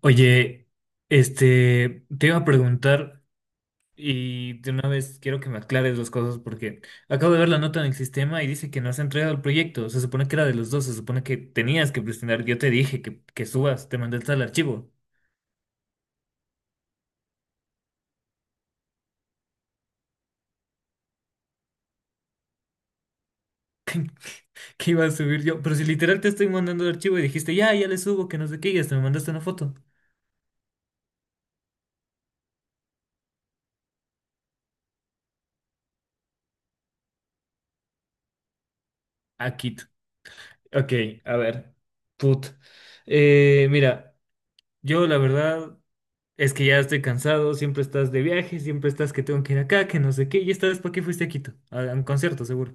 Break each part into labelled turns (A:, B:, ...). A: Oye, te iba a preguntar y de una vez quiero que me aclares dos cosas porque acabo de ver la nota en el sistema y dice que no has entregado el proyecto. Se supone que era de los dos, se supone que tenías que presentar. Yo te dije que subas, te mandé el tal archivo que iba a subir yo, pero si literal te estoy mandando el archivo y dijiste, ya, ya le subo, que no sé qué, y hasta me mandaste una foto. Aquí. Ok, a ver. Put. Mira, yo, la verdad, es que ya estoy cansado, siempre estás de viaje, siempre estás que tengo que ir acá, que no sé qué, y esta vez ¿para qué fuiste a Quito? A un concierto, seguro.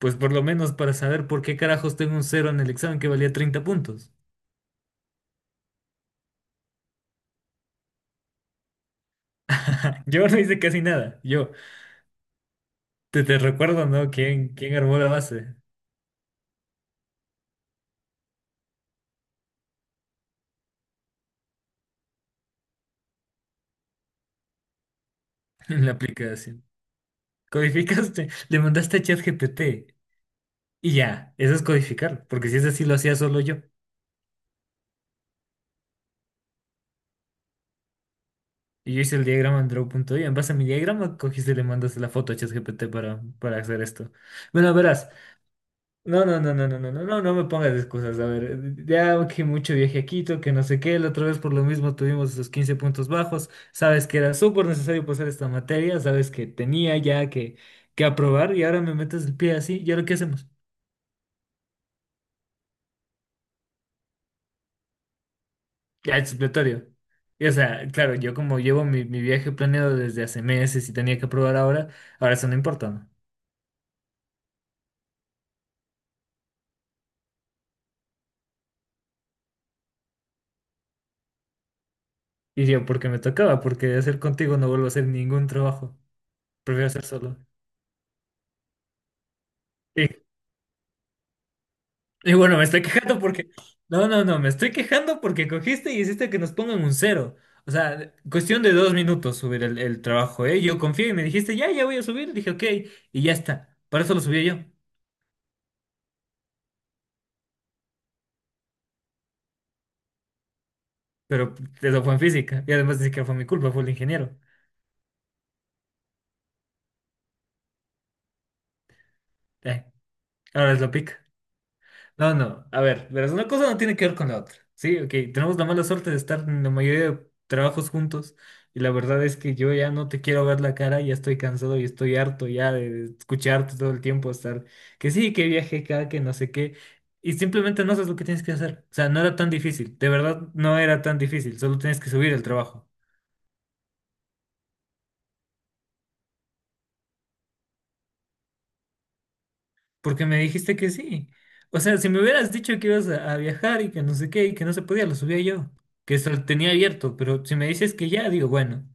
A: Pues por lo menos para saber por qué carajos tengo un cero en el examen que valía 30 puntos. Yo no hice casi nada, yo. Te recuerdo, ¿no? ¿Quién armó la base en la aplicación? Codificaste, le mandaste a ChatGPT y ya, eso es codificar, porque si es así lo hacía solo yo. Y yo hice el diagrama en Draw.io, en base a mi diagrama cogiste y le mandaste la foto a ChatGPT para hacer esto. Bueno, verás. No, no, no, no, no, no, no, no, no me pongas excusas. A ver, ya que mucho viaje a Quito, que no sé qué, la otra vez por lo mismo tuvimos esos 15 puntos bajos. Sabes que era súper necesario pasar esta materia, sabes que tenía ya que aprobar y ahora me metes el pie así. ¿Y ahora qué hacemos? Ya es supletorio. Y, o sea, claro, yo como llevo mi viaje planeado desde hace meses y tenía que aprobar ahora, ahora eso no importa, ¿no? Y yo, porque me tocaba, porque de hacer contigo no vuelvo a hacer ningún trabajo. Prefiero hacer solo. Y bueno, me estoy quejando porque... No, no, no, me estoy quejando porque cogiste y hiciste que nos pongan un cero. O sea, cuestión de 2 minutos subir el trabajo, ¿eh? Yo confié y me dijiste, ya, ya voy a subir. Dije, ok, y ya está. Para eso lo subí yo. Pero eso fue en física. Y además ni que fue mi culpa, fue el ingeniero. Eh, ahora es lo pica. No, no, a ver, verás, una cosa no tiene que ver con la otra. Sí, ok, tenemos la mala suerte de estar en la mayoría de trabajos juntos y la verdad es que yo ya no te quiero ver la cara, ya estoy cansado y estoy harto ya de escucharte todo el tiempo estar que sí, que viaje acá, que no sé qué, y simplemente no haces lo que tienes que hacer. O sea, no era tan difícil, de verdad no era tan difícil, solo tienes que subir el trabajo, porque me dijiste que sí. O sea, si me hubieras dicho que ibas a viajar y que no sé qué y que no se podía, lo subía yo, que eso lo tenía abierto, pero si me dices que ya, digo, bueno.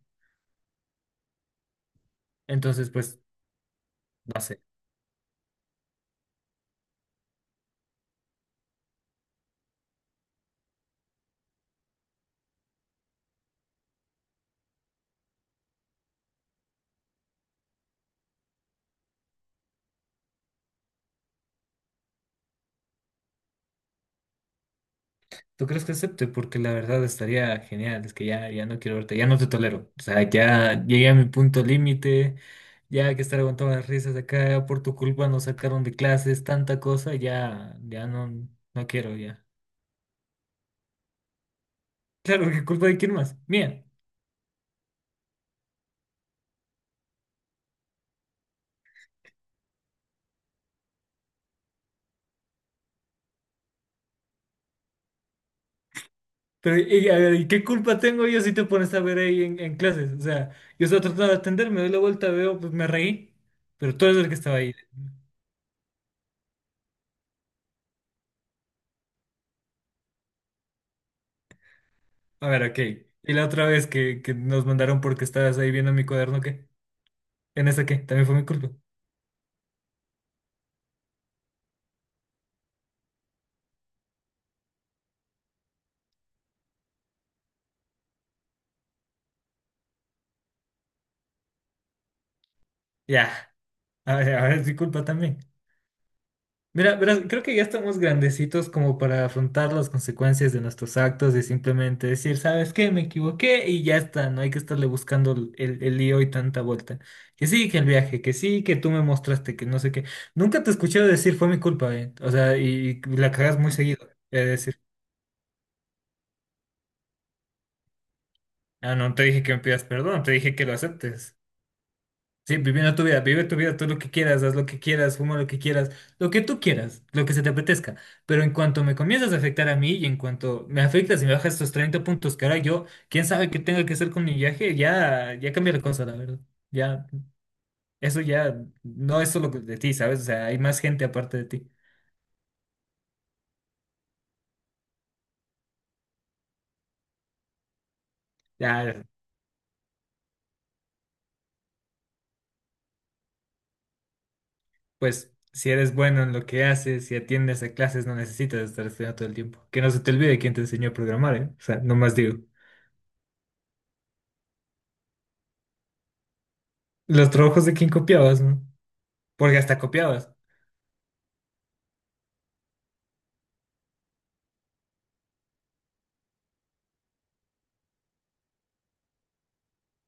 A: Entonces, pues, no sé. ¿Tú crees que acepte? Porque la verdad estaría genial. Es que ya, ya no quiero verte, ya no te tolero. O sea, ya llegué a mi punto límite. Ya hay que estar aguantando las risas acá, por tu culpa nos sacaron de clases, tanta cosa, ya, ya no, no quiero, ya. Claro, ¿qué culpa de quién más? Mía. Pero, y, a ver, ¿y qué culpa tengo yo si te pones a ver ahí en clases? O sea, yo estaba tratando de atender, me doy la vuelta, veo, pues me reí, pero tú eres el que estaba ahí. A ver, ok. Y la otra vez que nos mandaron porque estabas ahí viendo mi cuaderno, ¿qué? ¿En esa qué? También fue mi culpa. Ya. A ver, ahora es mi culpa también. Mira, verás, creo que ya estamos grandecitos como para afrontar las consecuencias de nuestros actos y simplemente decir, ¿sabes qué? Me equivoqué y ya está. No hay que estarle buscando el lío y tanta vuelta. Que sí, que el viaje, que sí, que tú me mostraste, que no sé qué. Nunca te escuché decir fue mi culpa, ¿eh? O sea, y la cagas muy seguido. Es decir, ah, no te dije que me pidas perdón, te dije que lo aceptes. Sí, viviendo tu vida, vive tu vida, tú lo que quieras, haz lo que quieras, fuma lo que quieras, lo que tú quieras, lo que se te apetezca. Pero en cuanto me comienzas a afectar a mí y en cuanto me afectas y me bajas estos 30 puntos que ahora yo, quién sabe qué tenga que hacer con mi viaje, ya, ya cambia la cosa, la verdad. Ya, eso ya no es solo de ti, ¿sabes? O sea, hay más gente aparte de ti. Ya, pues, si eres bueno en lo que haces, si atiendes a clases, no necesitas estar estudiando todo el tiempo. Que no se te olvide quién te enseñó a programar, ¿eh? O sea, nomás digo. Los trabajos de quién copiabas, ¿no? Porque hasta copiabas.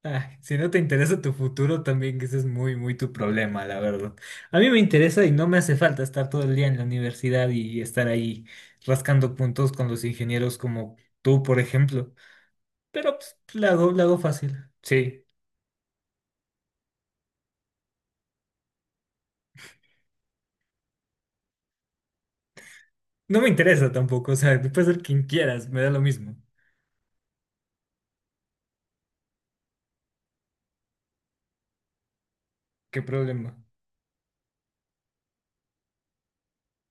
A: Ah, si no te interesa tu futuro, también que ese es muy, muy tu problema, la verdad. A mí me interesa y no me hace falta estar todo el día en la universidad y estar ahí rascando puntos con los ingenieros como tú, por ejemplo. Pero pues, la hago fácil. Sí. No me interesa tampoco, o sea, tú puedes ser quien quieras, me da lo mismo. ¿Qué problema?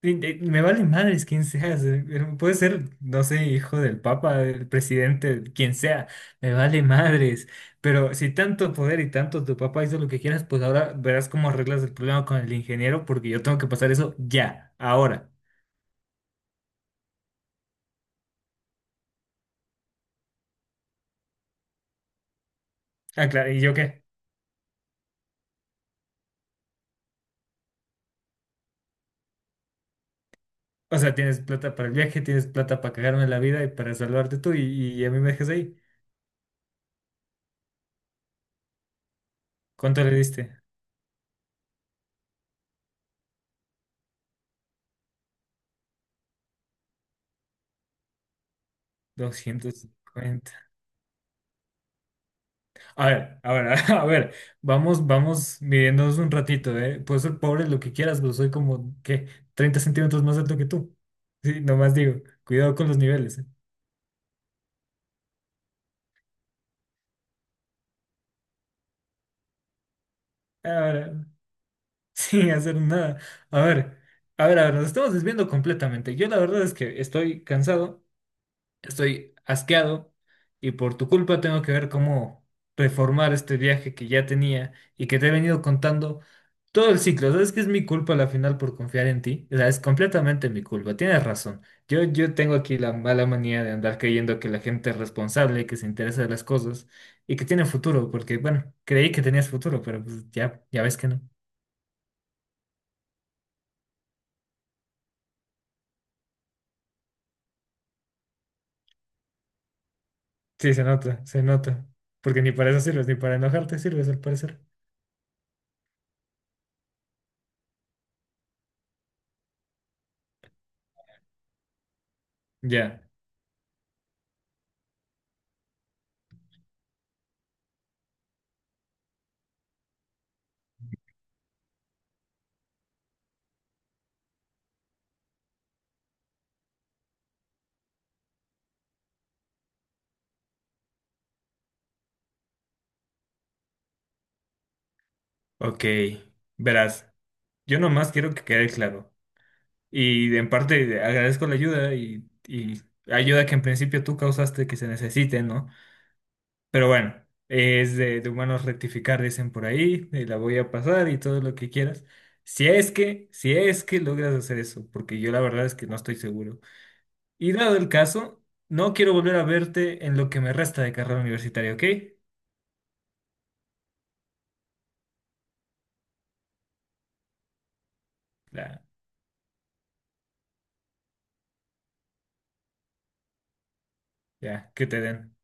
A: Sí, me vale madres quién seas. Pero puede ser, no sé, hijo del papa, del presidente, quien sea. Me vale madres. Pero si tanto poder y tanto tu papá hizo lo que quieras, pues ahora verás cómo arreglas el problema con el ingeniero, porque yo tengo que pasar eso ya, ahora. Ah, claro, ¿y yo qué? O sea, tienes plata para el viaje, tienes plata para cagarme la vida y para salvarte tú, y a mí me dejas ahí. ¿Cuánto le diste? 250. A ver, a ver, vamos, vamos midiéndonos un ratito, ¿eh? Puedes ser pobre lo que quieras, pero soy como, ¿qué? 30 centímetros más alto que tú. Sí, nomás digo, cuidado con los niveles, ¿eh? A ver, sin hacer nada. A ver, a ver, a ver, nos estamos desviando completamente. Yo la verdad es que estoy cansado. Estoy asqueado y por tu culpa tengo que ver cómo reformar este viaje que ya tenía y que te he venido contando todo el ciclo. ¿Sabes que es mi culpa a la final por confiar en ti? O sea, es completamente mi culpa. Tienes razón. Yo tengo aquí la mala manía de andar creyendo que la gente es responsable, que se interesa de las cosas y que tiene futuro, porque bueno, creí que tenías futuro, pero pues ya, ya ves que no. Sí, se nota, se nota. Porque ni para eso sirves, ni para enojarte sirves, al parecer. Ya, ok. Verás. Yo nomás quiero que quede claro. Y en parte agradezco la ayuda y ayuda que en principio tú causaste que se necesite, ¿no? Pero bueno, es de humanos rectificar, dicen por ahí, y la voy a pasar y todo lo que quieras. Si es que logras hacer eso, porque yo la verdad es que no estoy seguro. Y dado el caso, no quiero volver a verte en lo que me resta de carrera universitaria, ¿ok? La- ya, que te den.